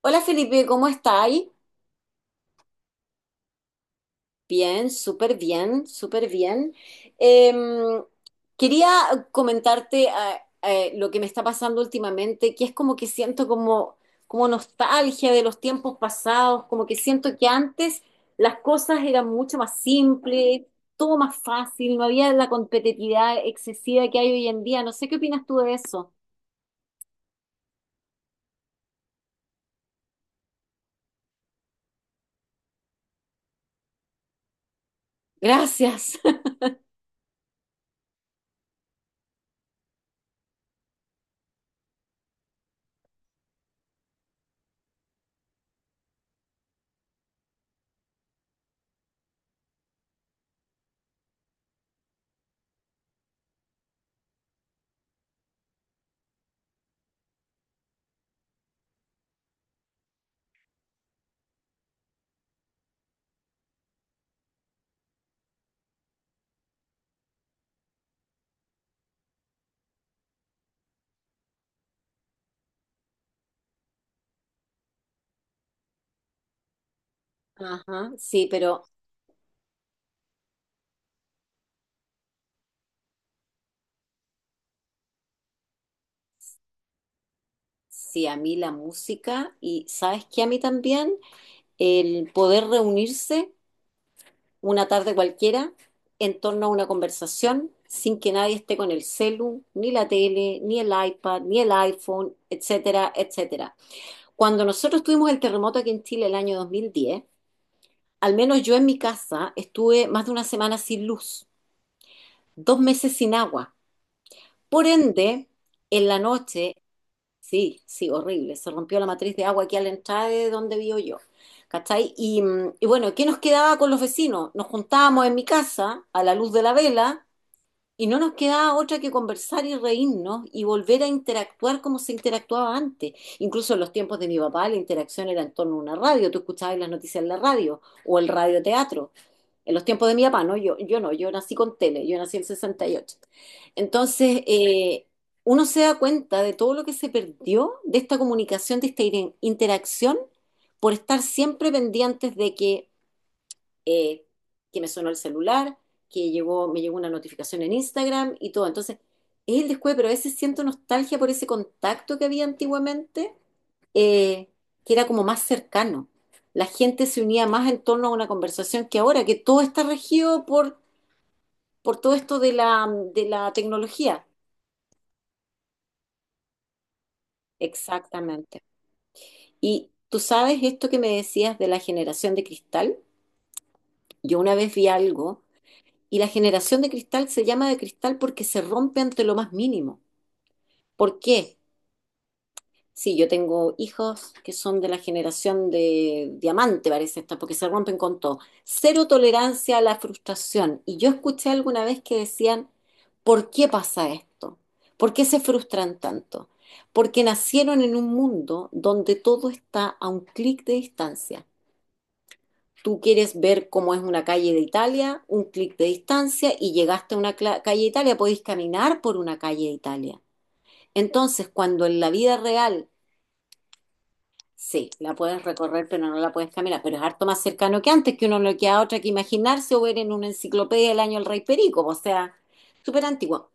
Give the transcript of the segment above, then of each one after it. Hola Felipe, ¿cómo estáis? Bien, súper bien, súper bien. Eh, quería comentarte lo que me está pasando últimamente, que es como que siento como nostalgia de los tiempos pasados, como que siento que antes las cosas eran mucho más simples, todo más fácil, no había la competitividad excesiva que hay hoy en día. No sé qué opinas tú de eso. Gracias. Ajá, sí, pero sí, a mí la música. Y ¿sabes qué? A mí también. El poder reunirse una tarde cualquiera en torno a una conversación sin que nadie esté con el celu, ni la tele, ni el iPad, ni el iPhone, etcétera, etcétera. Cuando nosotros tuvimos el terremoto aquí en Chile el año 2010, al menos yo en mi casa estuve más de una semana sin luz, 2 meses sin agua. Por ende, en la noche. Sí, sí, horrible. Se rompió la matriz de agua aquí a la entrada de donde vivo yo. ¿Cachai? Y bueno, ¿qué nos quedaba con los vecinos? Nos juntábamos en mi casa a la luz de la vela y no nos quedaba otra que conversar y reírnos y volver a interactuar como se interactuaba antes. Incluso en los tiempos de mi papá la interacción era en torno a una radio. Tú escuchabas las noticias en la radio o el radioteatro. En los tiempos de mi papá, ¿no? Yo no, yo nací con tele, yo nací en el 68. Entonces, uno se da cuenta de todo lo que se perdió de esta comunicación, de esta interacción, por estar siempre pendientes de eh, que me sonó el celular, que llegó, me llegó una notificación en Instagram y todo. Entonces, es el descuido, pero a veces siento nostalgia por ese contacto que había antiguamente, eh, que era como más cercano. La gente se unía más en torno a una conversación que ahora, que todo está regido por todo esto de la tecnología. Exactamente. Y tú sabes esto que me decías de la generación de cristal. Yo una vez vi algo y la generación de cristal se llama de cristal porque se rompe ante lo más mínimo. ¿Por qué? Sí, yo tengo hijos que son de la generación de diamante, parece esta, porque se rompen con todo. Cero tolerancia a la frustración. Y yo escuché alguna vez que decían, ¿por qué pasa esto? ¿Por qué se frustran tanto? Porque nacieron en un mundo donde todo está a un clic de distancia. Tú quieres ver cómo es una calle de Italia, un clic de distancia, y llegaste a una calle de Italia, podéis caminar por una calle de Italia. Entonces, cuando en la vida real. Sí, la puedes recorrer, pero no la puedes caminar. Pero es harto más cercano que antes, que uno no queda otra que imaginarse o ver en una enciclopedia del año El Rey Perico, o sea, súper antiguo.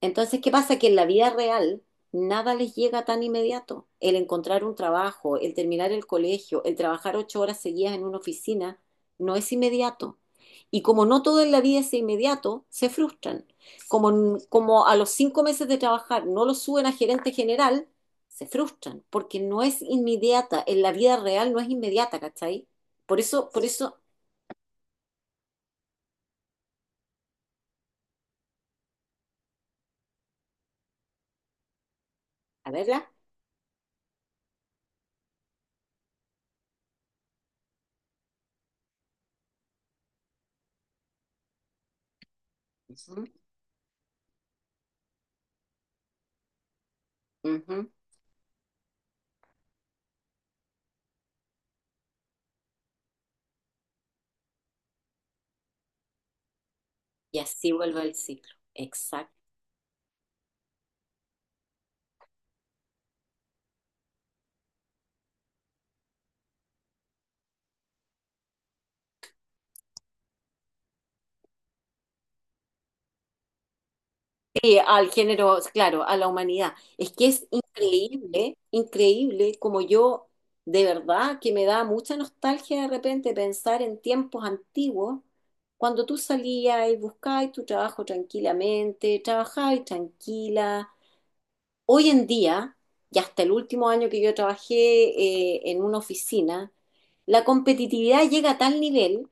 Entonces, ¿qué pasa? Que en la vida real nada les llega tan inmediato. El encontrar un trabajo, el terminar el colegio, el trabajar 8 horas seguidas en una oficina, no es inmediato. Y como no todo en la vida es inmediato, se frustran. Como a los 5 meses de trabajar no lo suben a gerente general, se frustran, porque no es inmediata, en la vida real no es inmediata, ¿cachai? Por eso, a verla. Ujú, ujú. Y así vuelve el ciclo. Exacto. Sí, al género, claro, a la humanidad. Es que es increíble, increíble como yo, de verdad, que me da mucha nostalgia de repente pensar en tiempos antiguos, cuando tú salías y buscabas tu trabajo tranquilamente, trabajabas tranquila. Hoy en día, y hasta el último año que yo trabajé, en una oficina, la competitividad llega a tal nivel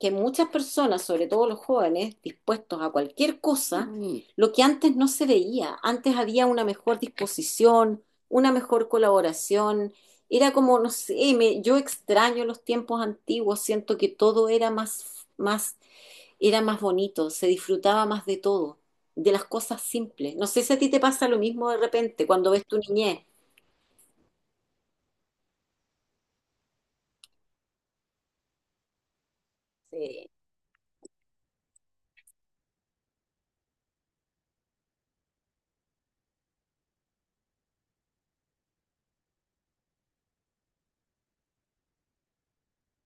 que muchas personas, sobre todo los jóvenes, dispuestos a cualquier cosa. Mm. Lo que antes no se veía. Antes había una mejor disposición, una mejor colaboración. Era como, no sé, yo extraño los tiempos antiguos, siento que todo era más, más era más bonito, se disfrutaba más de todo, de las cosas simples. No sé si a ti te pasa lo mismo de repente cuando ves tu niñez. Sí.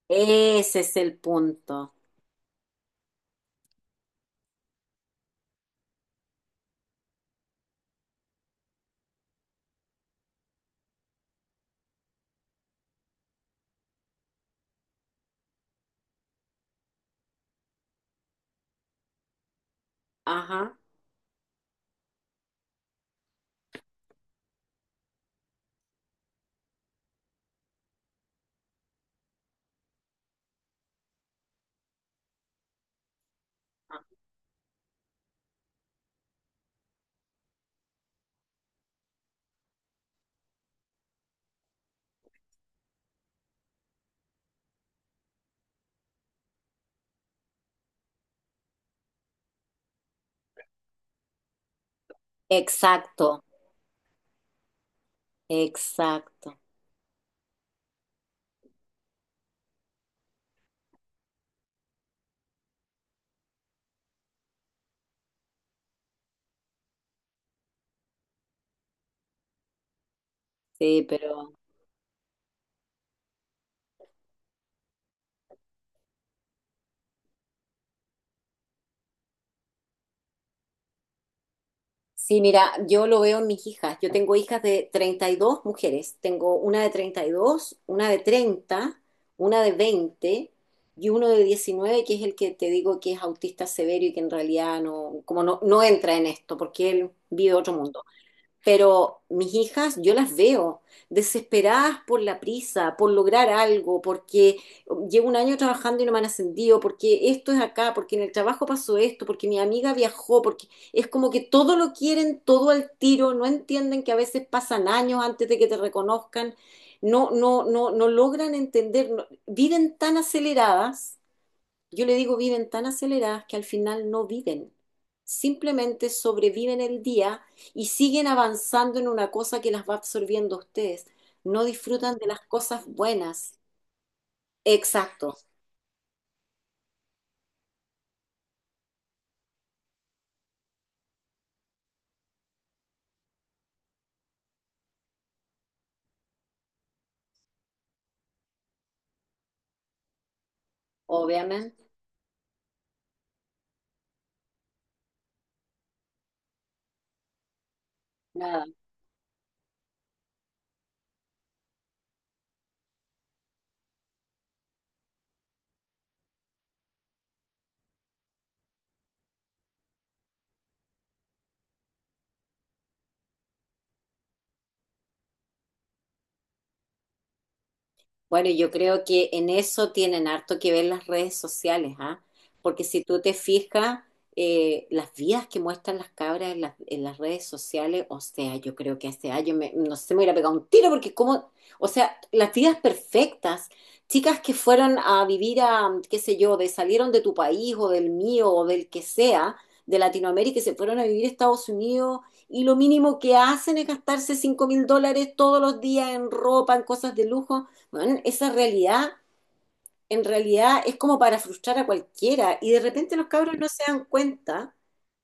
Ese es el punto. Ajá. Exacto, exacto. Sí, pero sí, mira, yo lo veo en mis hijas. Yo tengo hijas de 32 mujeres. Tengo una de 32, una de 30, una de 20 y uno de 19 que es el que te digo que es autista severo y que en realidad no, como no, no entra en esto, porque él vive otro mundo. Pero mis hijas, yo las veo desesperadas por la prisa, por lograr algo, porque llevo un año trabajando y no me han ascendido, porque esto es acá, porque en el trabajo pasó esto, porque mi amiga viajó, porque es como que todo lo quieren, todo al tiro, no entienden que a veces pasan años antes de que te reconozcan, no, no, no, no logran entender, viven tan aceleradas, yo le digo, viven tan aceleradas que al final no viven. Simplemente sobreviven el día y siguen avanzando en una cosa que las va absorbiendo a ustedes. No disfrutan de las cosas buenas. Exacto, obviamente. Nada. Bueno, yo creo que en eso tienen harto que ver las redes sociales, ¿ah? Porque si tú te fijas, las vidas que muestran las cabras en las redes sociales, o sea, yo creo que hace años, me, no sé, me hubiera pegado un tiro porque como, o sea, las vidas perfectas, chicas que fueron a vivir a, qué sé yo, de salieron de tu país o del mío o del que sea, de Latinoamérica y se fueron a vivir a Estados Unidos y lo mínimo que hacen es gastarse $5.000 todos los días en ropa, en cosas de lujo. Bueno, esa realidad en realidad es como para frustrar a cualquiera y de repente los cabros no se dan cuenta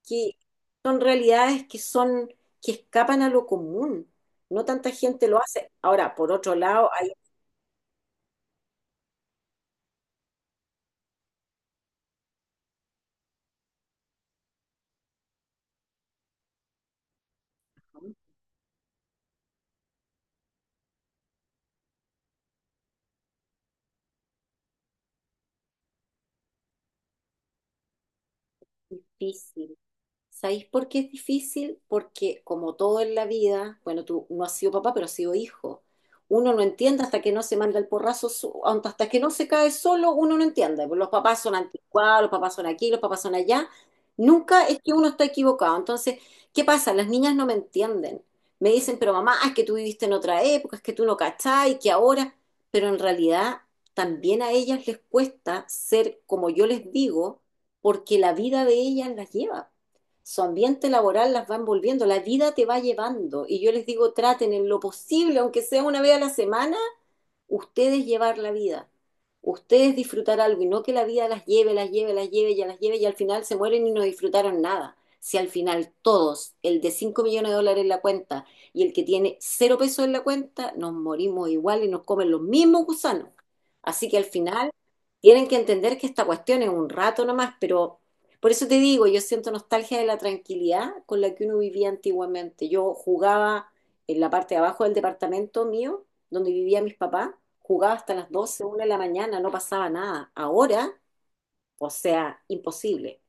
que son realidades que son que escapan a lo común. No tanta gente lo hace. Ahora, por otro lado, hay. ¿Sabéis por qué es difícil? Porque como todo en la vida, bueno, tú no has sido papá, pero has sido hijo. Uno no entiende hasta que no se manda el porrazo, hasta que no se cae solo, uno no entiende. Pues los papás son anticuados, los papás son aquí, los papás son allá. Nunca es que uno está equivocado. Entonces, ¿qué pasa? Las niñas no me entienden. Me dicen, pero mamá, es que tú viviste en otra época, es que tú no cachai, que ahora. Pero en realidad también a ellas les cuesta ser como yo les digo, porque la vida de ellas las lleva, su ambiente laboral las va envolviendo, la vida te va llevando. Y yo les digo, traten en lo posible, aunque sea una vez a la semana, ustedes llevar la vida, ustedes disfrutar algo y no que la vida las lleve, las lleve, las lleve, ya las lleve y al final se mueren y no disfrutaron nada. Si al final todos, el de $5.000.000 en la cuenta y el que tiene 0 pesos en la cuenta, nos morimos igual y nos comen los mismos gusanos. Así que al final tienen que entender que esta cuestión es un rato nomás, pero por eso te digo, yo siento nostalgia de la tranquilidad con la que uno vivía antiguamente. Yo jugaba en la parte de abajo del departamento mío, donde vivía mis papás, jugaba hasta las 12, 1 de la mañana, no pasaba nada. Ahora, o sea, imposible.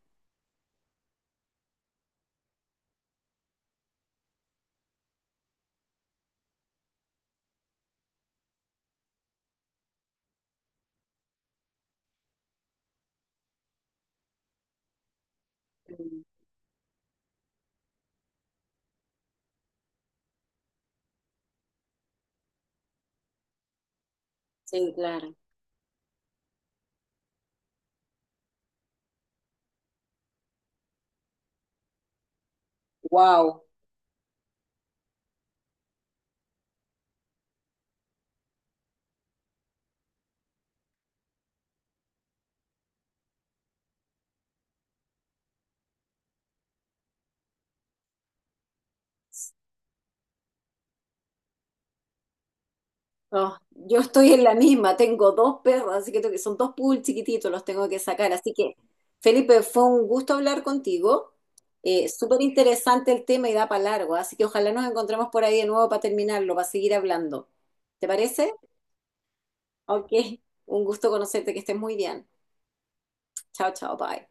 Mm. Sí, claro. Wow. Oh, yo estoy en la misma, tengo dos perros, así que tengo que. Son dos poodles chiquititos, los tengo que sacar. Así que, Felipe, fue un gusto hablar contigo. Súper interesante el tema y da para largo, así que ojalá nos encontremos por ahí de nuevo para terminarlo, para seguir hablando. ¿Te parece? Ok, un gusto conocerte, que estés muy bien. Chao, chao, bye.